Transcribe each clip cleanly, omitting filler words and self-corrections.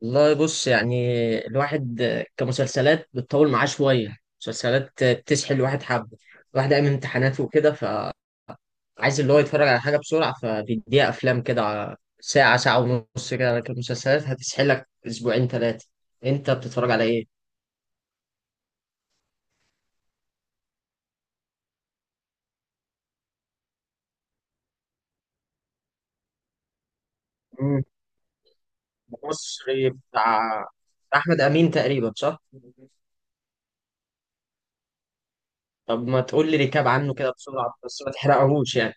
والله، بص يعني، الواحد، كمسلسلات بتطول معاه شوية، مسلسلات بتسحل الواحد حبة، الواحد قايم من امتحاناته وكده فعايز اللي هو يتفرج على حاجة بسرعة، فبيديها أفلام كده على ساعة، ساعة ونص كده، لكن المسلسلات هتسحلك أسبوعين ثلاثة. أنت بتتفرج على إيه؟ مم. مصري بتاع، بتاع أحمد أمين تقريبا، صح؟ طب ما تقول لي ريكاب عنه كده بسرعة، بس ما تحرقهوش يعني.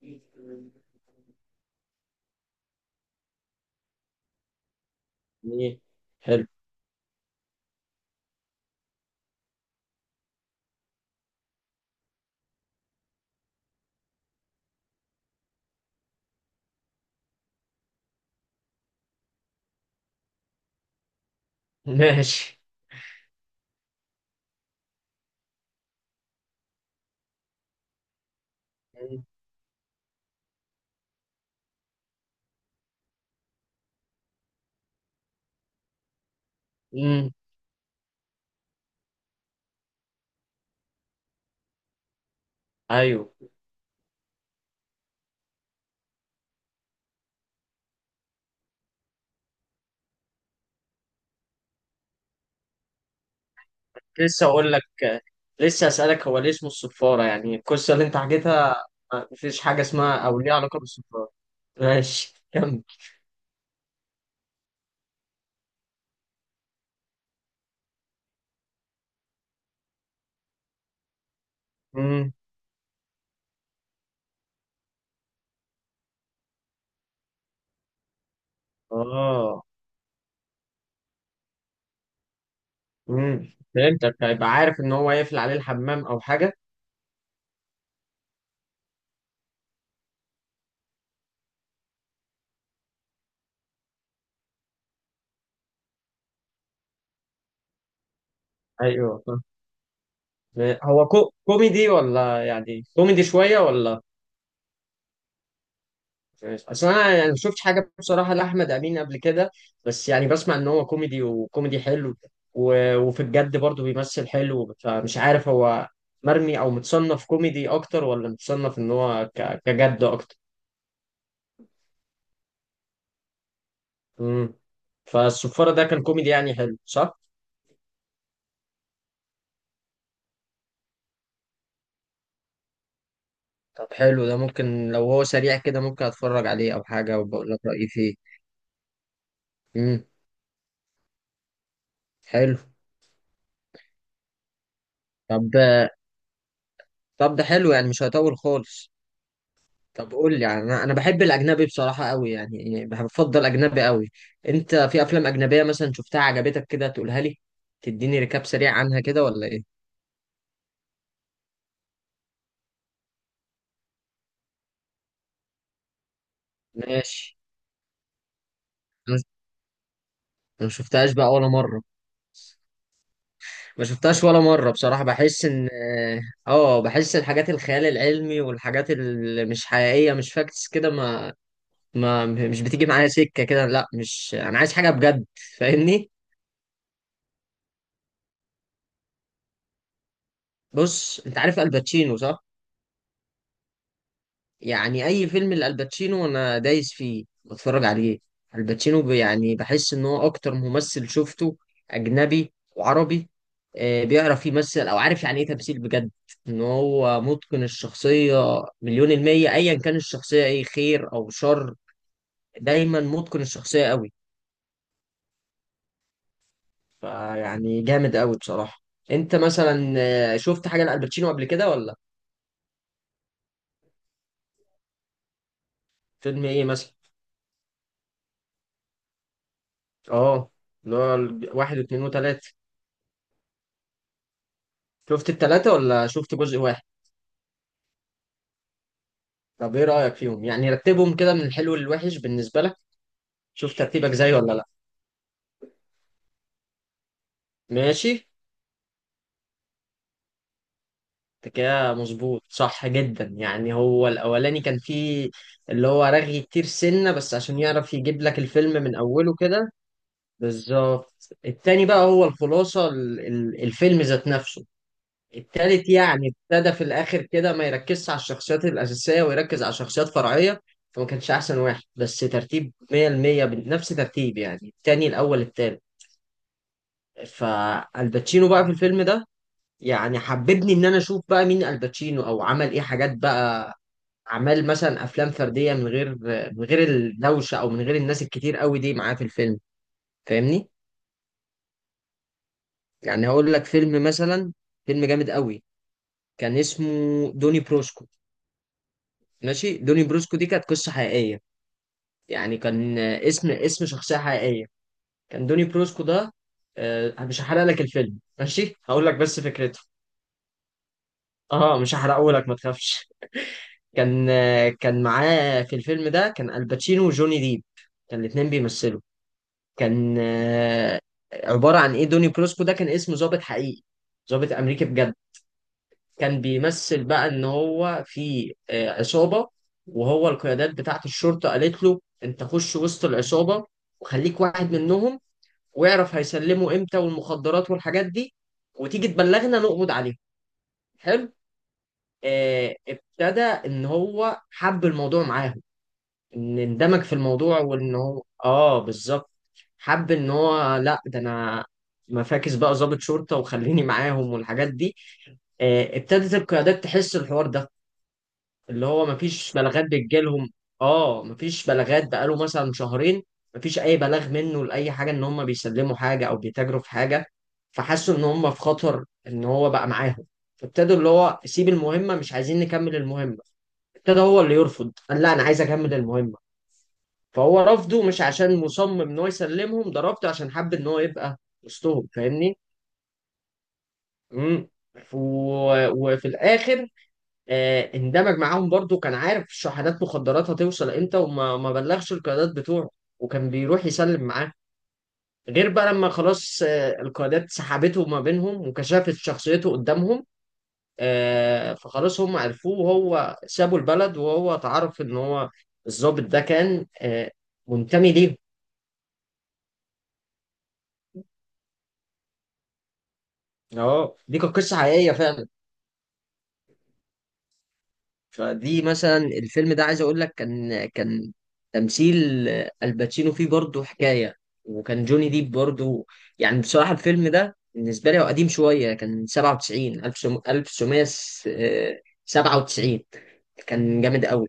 إيه؟ حلو. ماشي. مم. ايوه. لسه اقول لك، لسه اسالك هو ليه اسمه الصفاره، يعني القصه اللي انت حكيتها ما فيش حاجه اسمها او ليها علاقه بالصفاره. ماشي، كمل. امم. اه. امم. فهمتك، هيبقى عارف ان هو يقفل عليه الحمام او حاجه. ايوه، فاهم. هو كوميدي ولا يعني كوميدي شويه ولا؟ ماشي. اصل انا يعني ما شفتش حاجه بصراحه لاحمد امين قبل كده، بس يعني بسمع ان هو كوميدي وكوميدي حلو، وفي الجد برضه بيمثل حلو، فمش عارف هو مرمي او متصنف كوميدي اكتر ولا متصنف ان هو كجد اكتر. امم. فالصفاره ده كان كوميدي يعني حلو صح؟ طب حلو، ده ممكن لو هو سريع كده ممكن اتفرج عليه او حاجه وبقول لك رايي فيه. امم. حلو. طب، طب ده حلو يعني مش هيطول خالص. طب قول لي يعني، أنا بحب الاجنبي بصراحه قوي، يعني يعني بفضل اجنبي قوي. انت في افلام اجنبيه مثلا شفتها عجبتك كده تقولها لي، تديني ريكاب سريع عنها كده ولا ايه؟ ماشي. انا أنا ما شفتهاش بقى ولا مره. ما شفتهاش ولا مره بصراحه، بحس ان، اه، بحس الحاجات الخيال العلمي والحاجات اللي مش حقيقيه مش فاكتس كده، ما مش بتيجي معايا سكه كده، لا، مش انا عايز حاجه بجد، فاهمني. بص، انت عارف الباتشينو صح؟ يعني اي فيلم لالباتشينو انا دايس فيه بتفرج عليه. الباتشينو يعني بحس ان هو اكتر ممثل شفته، اجنبي وعربي، بيعرف يمثل او عارف يعني ايه تمثيل بجد، ان هو متقن الشخصية مليون المية ايا كان الشخصية ايه خير او شر، دايما متقن الشخصية قوي، فيعني جامد قوي بصراحة. انت مثلا شفت حاجة لالباتشينو قبل كده ولا؟ فيلم ايه مثلا؟ اه. اللي هو واحد واثنين وثلاثة؟ شفت التلاتة ولا شفت جزء واحد؟ طب ايه رأيك فيهم، يعني رتبهم كده من الحلو للوحش بالنسبة لك، شوف ترتيبك زي ولا لا. ماشي. انت كده مظبوط، صح جدا، يعني هو الاولاني كان فيه اللي هو رغي كتير سنة بس عشان يعرف يجيب لك الفيلم من اوله كده. بالظبط. التاني بقى هو الخلاصة، الفيلم ذات نفسه. التالت يعني ابتدى في الاخر كده ما يركزش على الشخصيات الاساسية ويركز على شخصيات فرعية، فما كانش احسن واحد، بس ترتيب 100% بنفس ترتيب يعني التاني الاول التالت. فالباتشينو بقى في الفيلم ده يعني حببني ان انا اشوف بقى مين الباتشينو او عمل ايه حاجات بقى، عمل مثلا افلام فرديه من غير، من غير الدوشه او من غير الناس الكتير قوي دي معاه في الفيلم، فاهمني. يعني هقول لك فيلم مثلا، فيلم جامد قوي، كان اسمه دوني بروسكو. ماشي، دوني بروسكو دي كانت قصه حقيقيه، يعني كان اسم شخصيه حقيقيه، كان دوني بروسكو ده، مش هحرق لك الفيلم، ماشي، هقول لك بس فكرته. اه مش هحرقه لك ما تخافش. كان كان معاه في الفيلم ده كان الباتشينو وجوني ديب، كان الاتنين بيمثلوا. كان عبارة عن ايه، دوني بروسكو ده كان اسمه ضابط حقيقي، ضابط امريكي بجد، كان بيمثل بقى ان هو في عصابة، وهو القيادات بتاعت الشرطة قالت له انت خش وسط العصابة وخليك واحد منهم، واعرف هيسلموا امتى والمخدرات والحاجات دي وتيجي تبلغنا نقبض عليهم. حلو. ابتدى ان هو حب الموضوع معاهم، ان اندمج في الموضوع، وان هو اه بالظبط حب ان هو لا ده انا مفاكس بقى، ضابط شرطه وخليني معاهم والحاجات دي. ابتدت القيادات تحس الحوار ده اللي هو مفيش بلاغات بتجيلهم، اه مفيش بلاغات بقاله مثلا شهرين، مفيش اي بلاغ منه لاي حاجه ان هم بيسلموا حاجه او بيتاجروا في حاجه، فحسوا ان هم في خطر ان هو بقى معاهم. فابتدوا اللي هو سيب المهمه، مش عايزين نكمل المهمه. ابتدى هو اللي يرفض، قال لا انا عايز اكمل المهمه، فهو رفضه مش عشان مصمم ان هو يسلمهم، ده رفضه عشان حب ان هو يبقى وسطهم، فاهمني. امم. وفي الاخر اندمج معاهم برضو، كان عارف شحنات مخدرات هتوصل امتى وما ما بلغش القيادات بتوعه، وكان بيروح يسلم معاه، غير بقى لما خلاص القيادات سحبته ما بينهم، وكشفت شخصيته قدامهم، فخلاص هم عرفوه، وهو سابوا البلد، وهو تعرف ان هو الضابط ده كان منتمي ليهم. اه دي كانت قصة حقيقية فعلا. فدي مثلا الفيلم ده عايز اقول لك، كان تمثيل الباتشينو فيه برضه حكايه، وكان جوني ديب برضه، يعني بصراحه الفيلم ده بالنسبه لي هو قديم شويه، كان 97 1997، كان جامد قوي.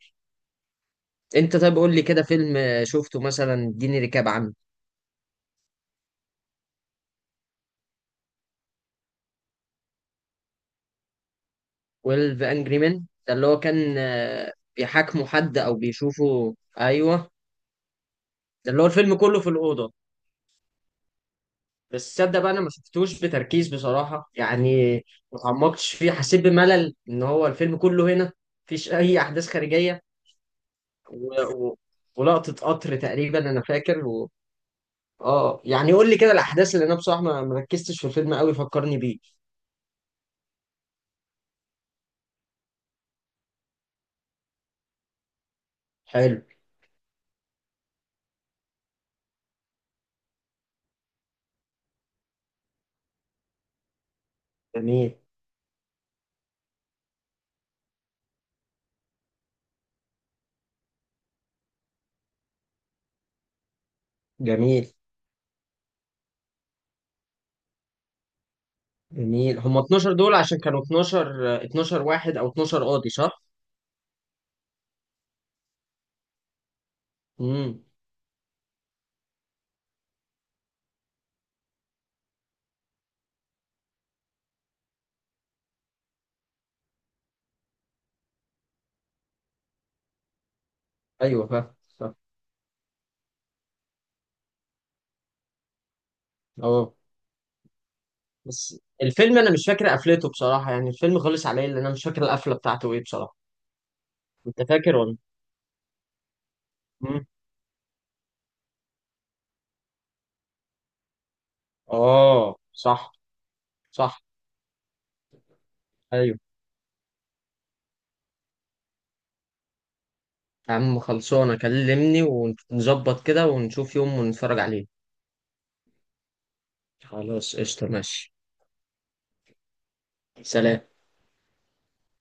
انت طيب قول لي كده فيلم شفته مثلا اديني ريكاب عنه. 12 انجري مان ده اللي هو كان بيحاكموا حد او بيشوفوا، ايوه. ده اللي هو الفيلم كله في الاوضه، بس تصدق بقى انا ما شفتوش بتركيز بصراحه يعني، ما اتعمقتش فيه، حسيت بملل ان هو الفيلم كله هنا، مفيش اي احداث خارجيه، و... و... ولقطه قطر تقريبا انا فاكر اه. يعني قول لي كده الاحداث، اللي انا بصراحه ما ركزتش في الفيلم قوي، فكرني بيه. حلو. جميل. جميل. جميل. هم 12 دول عشان كانوا 12 واحد او 12 قاضي صح؟ امم. ايوه فاهم. صح. اه. بس الفيلم انا مش فاكر قفلته بصراحه يعني، الفيلم خلص عليا لان انا مش فاكر القفله بتاعته ايه بصراحه. انت فاكر ولا؟ مم. اه صح. صح. ايوه. يا عم، خلصانه، كلمني ونظبط كده ونشوف يوم ونتفرج عليه. خلاص، قشطه، ماشي. سلام.